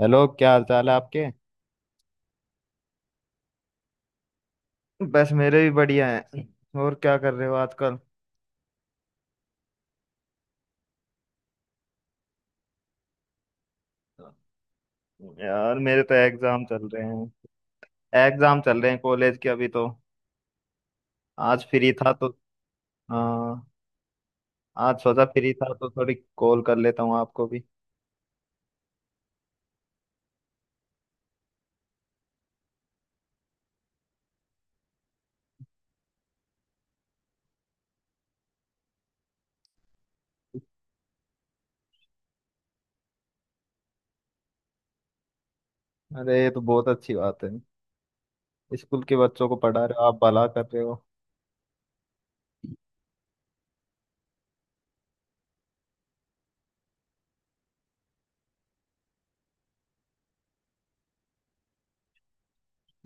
Hello क्या हाल चाल है आपके। बस मेरे भी बढ़िया है। और क्या कर रहे हो आजकल। यार मेरे तो एग्जाम चल रहे हैं। एग्जाम चल रहे हैं कॉलेज के अभी तो। आज फ्री था तो। हाँ। आज सोचा फ्री था तो थोड़ी कॉल कर लेता हूँ आपको भी। अरे ये तो बहुत अच्छी बात है। स्कूल के बच्चों को पढ़ा रहे हो, आप भला कर रहे हो।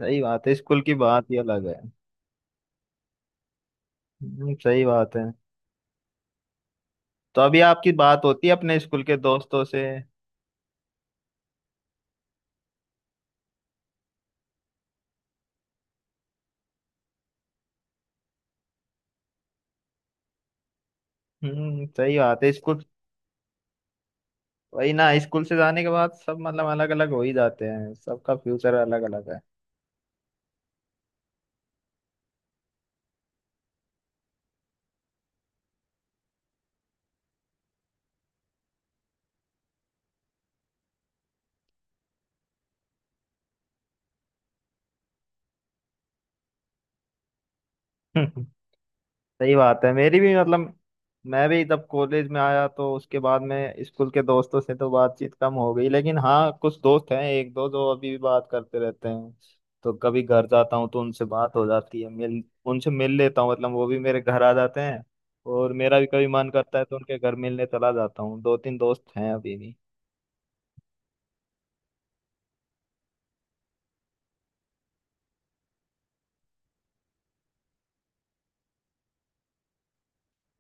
सही बात है, स्कूल की बात ही अलग है। सही बात है। तो अभी आपकी बात होती है अपने स्कूल के दोस्तों से। हम्म, सही बात है। स्कूल। वही ना, स्कूल से जाने के बाद सब मतलब अलग अलग हो ही जाते हैं, सबका फ्यूचर अलग अलग है। सही बात है, मेरी भी मतलब। मैं भी जब कॉलेज में आया तो उसके बाद में स्कूल के दोस्तों से तो बातचीत कम हो गई, लेकिन हाँ कुछ दोस्त हैं, एक दो जो अभी भी बात करते रहते हैं। तो कभी घर जाता हूँ तो उनसे बात हो जाती है, मिल। उनसे मिल लेता हूँ, मतलब वो भी मेरे घर आ जाते हैं। और मेरा भी कभी मन करता है तो उनके घर मिलने चला जाता हूँ। दो तीन दोस्त हैं अभी भी।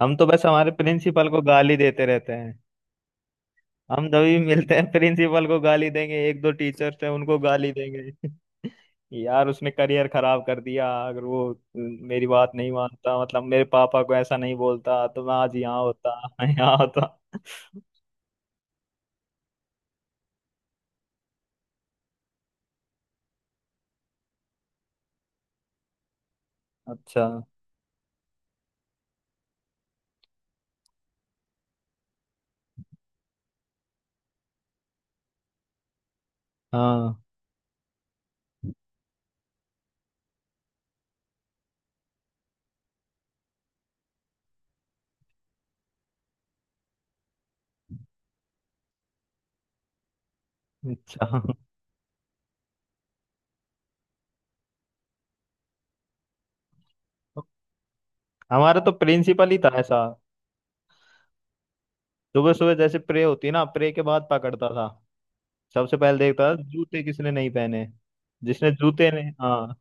हम तो बस हमारे प्रिंसिपल को गाली देते रहते। हम तभी मिलते हैं, प्रिंसिपल को गाली देंगे, एक दो टीचर्स हैं उनको गाली देंगे। यार उसने करियर खराब कर दिया। अगर वो मेरी बात नहीं मानता, मतलब मेरे पापा को ऐसा नहीं बोलता, तो मैं आज यहाँ होता। मैं यहाँ होता। अच्छा। हाँ। अच्छा। हमारा तो प्रिंसिपल ही था ऐसा। सुबह सुबह जैसे प्रे होती ना, प्रे के बाद पकड़ता था। सबसे पहले देखता था जूते किसने नहीं पहने। जिसने जूते ने, हाँ।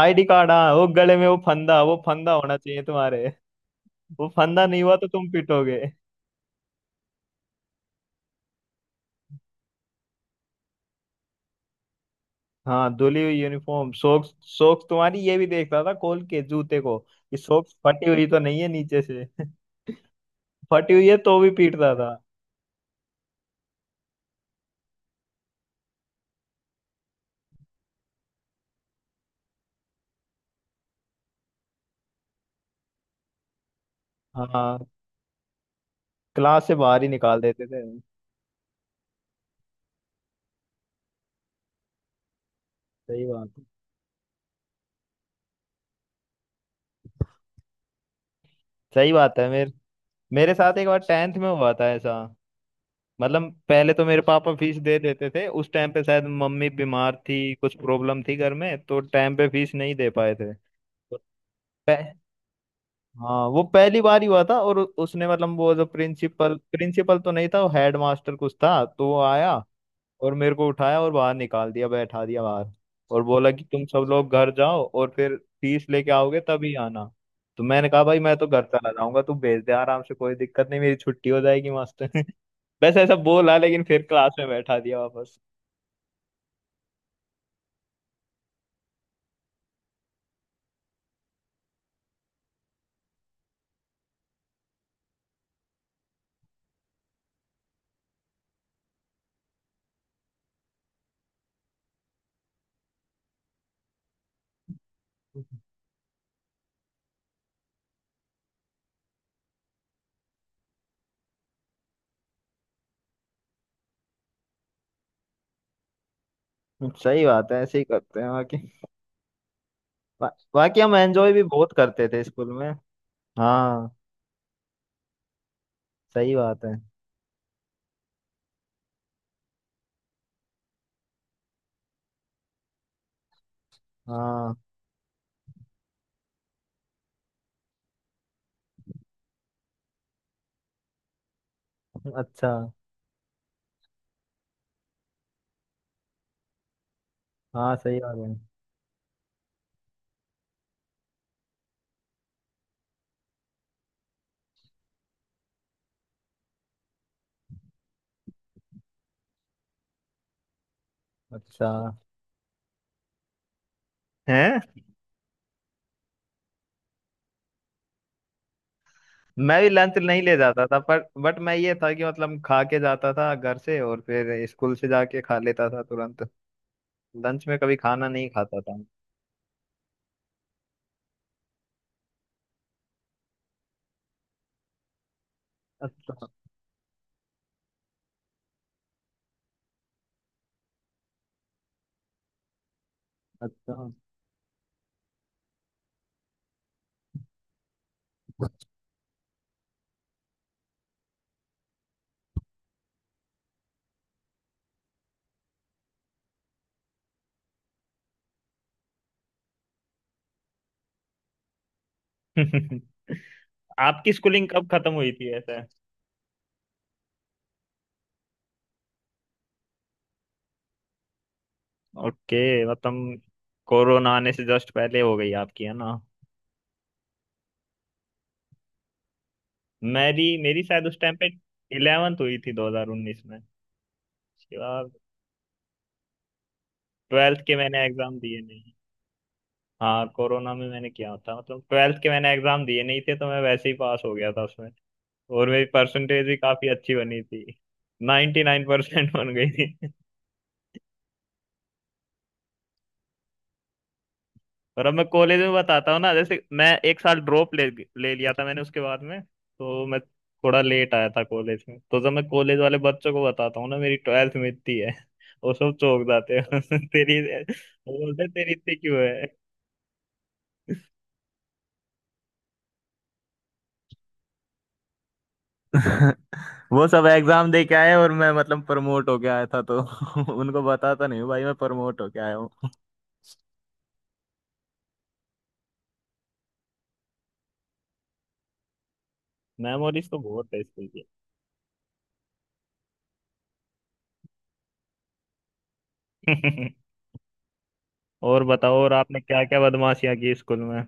आईडी कार्ड, हाँ वो गले में वो फंदा, वो फंदा होना चाहिए तुम्हारे। वो फंदा नहीं हुआ तो तुम पिटोगे। हाँ, धुली हुई यूनिफॉर्म, सोक्स। सोक्स तुम्हारी ये भी देखता था, खोल के जूते को, कि सोक्स फटी हुई तो नहीं है नीचे से। फटी हुई है तो भी पीटता था। हाँ। क्लास से बाहर ही निकाल देते थे। सही बात है। सही बात है। मेरे मेरे साथ एक बार 10th में हुआ था ऐसा। मतलब पहले तो मेरे पापा फीस दे देते थे, उस टाइम पे शायद मम्मी बीमार थी, कुछ प्रॉब्लम थी घर में, तो टाइम पे फीस नहीं दे पाए थे। हाँ, वो पहली बार ही हुआ था। और उसने मतलब वो जो प्रिंसिपल, प्रिंसिपल तो नहीं था, वो हेड मास्टर कुछ था, तो वो आया। और मेरे को उठाया और बाहर निकाल दिया, बैठा दिया बाहर। और बोला कि तुम सब लोग घर जाओ और फिर फीस लेके आओगे तभी आना। तो मैंने कहा, भाई मैं तो घर चला जाऊंगा, तू भेज दे आराम से, कोई दिक्कत नहीं, मेरी छुट्टी हो जाएगी, मास्टर। बस ऐसा बोला, लेकिन फिर क्लास में बैठा दिया वापस। सही बात है, ऐसे ही करते हैं। बा, बाकी हम एंजॉय भी बहुत करते थे स्कूल में। हाँ। सही बात है। हाँ। अच्छा। हाँ। सही बात है। अच्छा। हैं। मैं भी लंच नहीं ले जाता था, पर बट मैं ये था कि मतलब खा के जाता था घर से, और फिर स्कूल से जाके खा लेता था तुरंत। लंच में कभी खाना नहीं खाता था। अच्छा। अच्छा। आपकी स्कूलिंग कब खत्म हुई थी ऐसे। ओके। मतलब कोरोना आने से जस्ट पहले हो गई आपकी, है ना। मेरी, मेरी शायद उस टाइम पे 11th हुई थी 2019 में। उसके बाद 12th के मैंने एग्जाम दिए। हाँ, कोरोना में मैंने किया था, मतलब 12th के मैंने एग्जाम दिए नहीं थे, तो मैं वैसे ही पास हो गया था उसमें। और मेरी परसेंटेज भी काफी अच्छी बनी थी, 99% बन गई थी। और अब मैं कॉलेज में बताता हूँ ना, जैसे मैं एक साल ड्रॉप ले ले लिया था मैंने, उसके बाद में तो मैं थोड़ा लेट आया था कॉलेज में, तो जब मैं कॉलेज वाले बच्चों को बताता हूँ ना मेरी 12th में इतनी है, वो सब चौंक जाते हैं। तेरी, वो बोलते हैं, तेरी इतनी क्यों है। वो सब एग्जाम दे के आए, और मैं मतलब प्रमोट होके आया था, तो उनको बताता नहीं हूँ भाई मैं प्रमोट होके आया हूँ। मेमोरीज तो बहुत है स्कूल की। और बताओ, और आपने क्या क्या बदमाशियां की स्कूल में।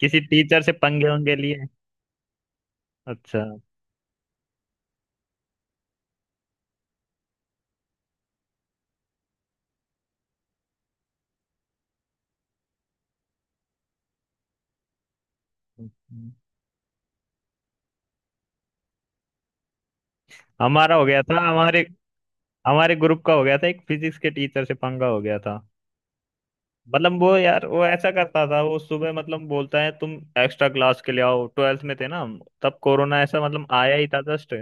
किसी टीचर से पंगे वंगे लिए। अच्छा। हमारा हो गया था, हमारे, हमारे ग्रुप का हो गया था, एक फिजिक्स के टीचर से पंगा हो गया था। मतलब वो यार वो ऐसा करता था, वो सुबह मतलब बोलता है, तुम एक्स्ट्रा क्लास के लिए आओ। ट्वेल्थ में थे ना हम तब, कोरोना ऐसा मतलब आया ही था जस्ट।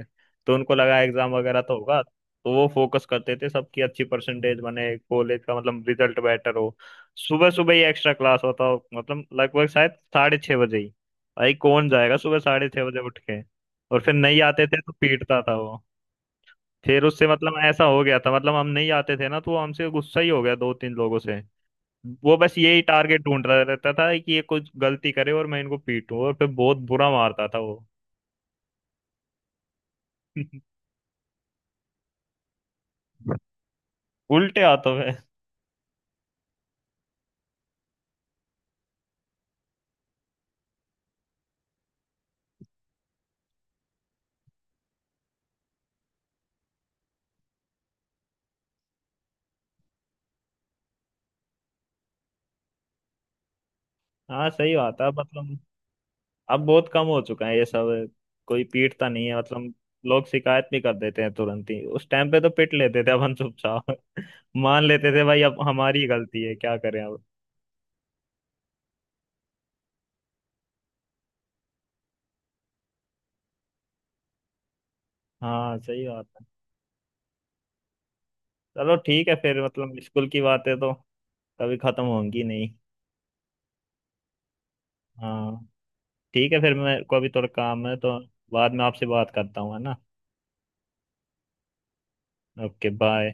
तो उनको लगा एग्जाम वगैरह तो होगा, तो वो फोकस करते थे सबकी अच्छी परसेंटेज बने, कॉलेज का मतलब रिजल्ट बेटर हो। सुबह सुबह ही एक्स्ट्रा क्लास होता हो, मतलब लगभग शायद 6:30 बजे ही। भाई कौन जाएगा सुबह 6:30 बजे उठ के। और फिर नहीं आते थे तो पीटता था वो। फिर उससे मतलब ऐसा हो गया था, मतलब हम नहीं आते थे ना, तो वो हमसे गुस्सा ही हो गया दो तीन लोगों से। वो बस यही टारगेट ढूंढ रहा रहता था कि ये कुछ गलती करे और मैं इनको पीटूं, और फिर बहुत बुरा मारता था वो। उल्टे हाथों में। हाँ, सही बात है, मतलब अब बहुत कम हो चुका है ये सब। कोई पीटता नहीं है, मतलब लोग शिकायत भी कर देते हैं तुरंत ही। उस टाइम पे तो पिट लेते थे, अब हम चुपचाप। मान लेते थे, भाई अब हमारी गलती है, क्या करें अब। हाँ, सही बात है। चलो ठीक है फिर, मतलब स्कूल की बातें तो कभी खत्म होंगी नहीं। हाँ, ठीक है फिर, मेरे को अभी थोड़ा काम है, तो बाद में आपसे बात करता हूँ, है ना। Okay, bye.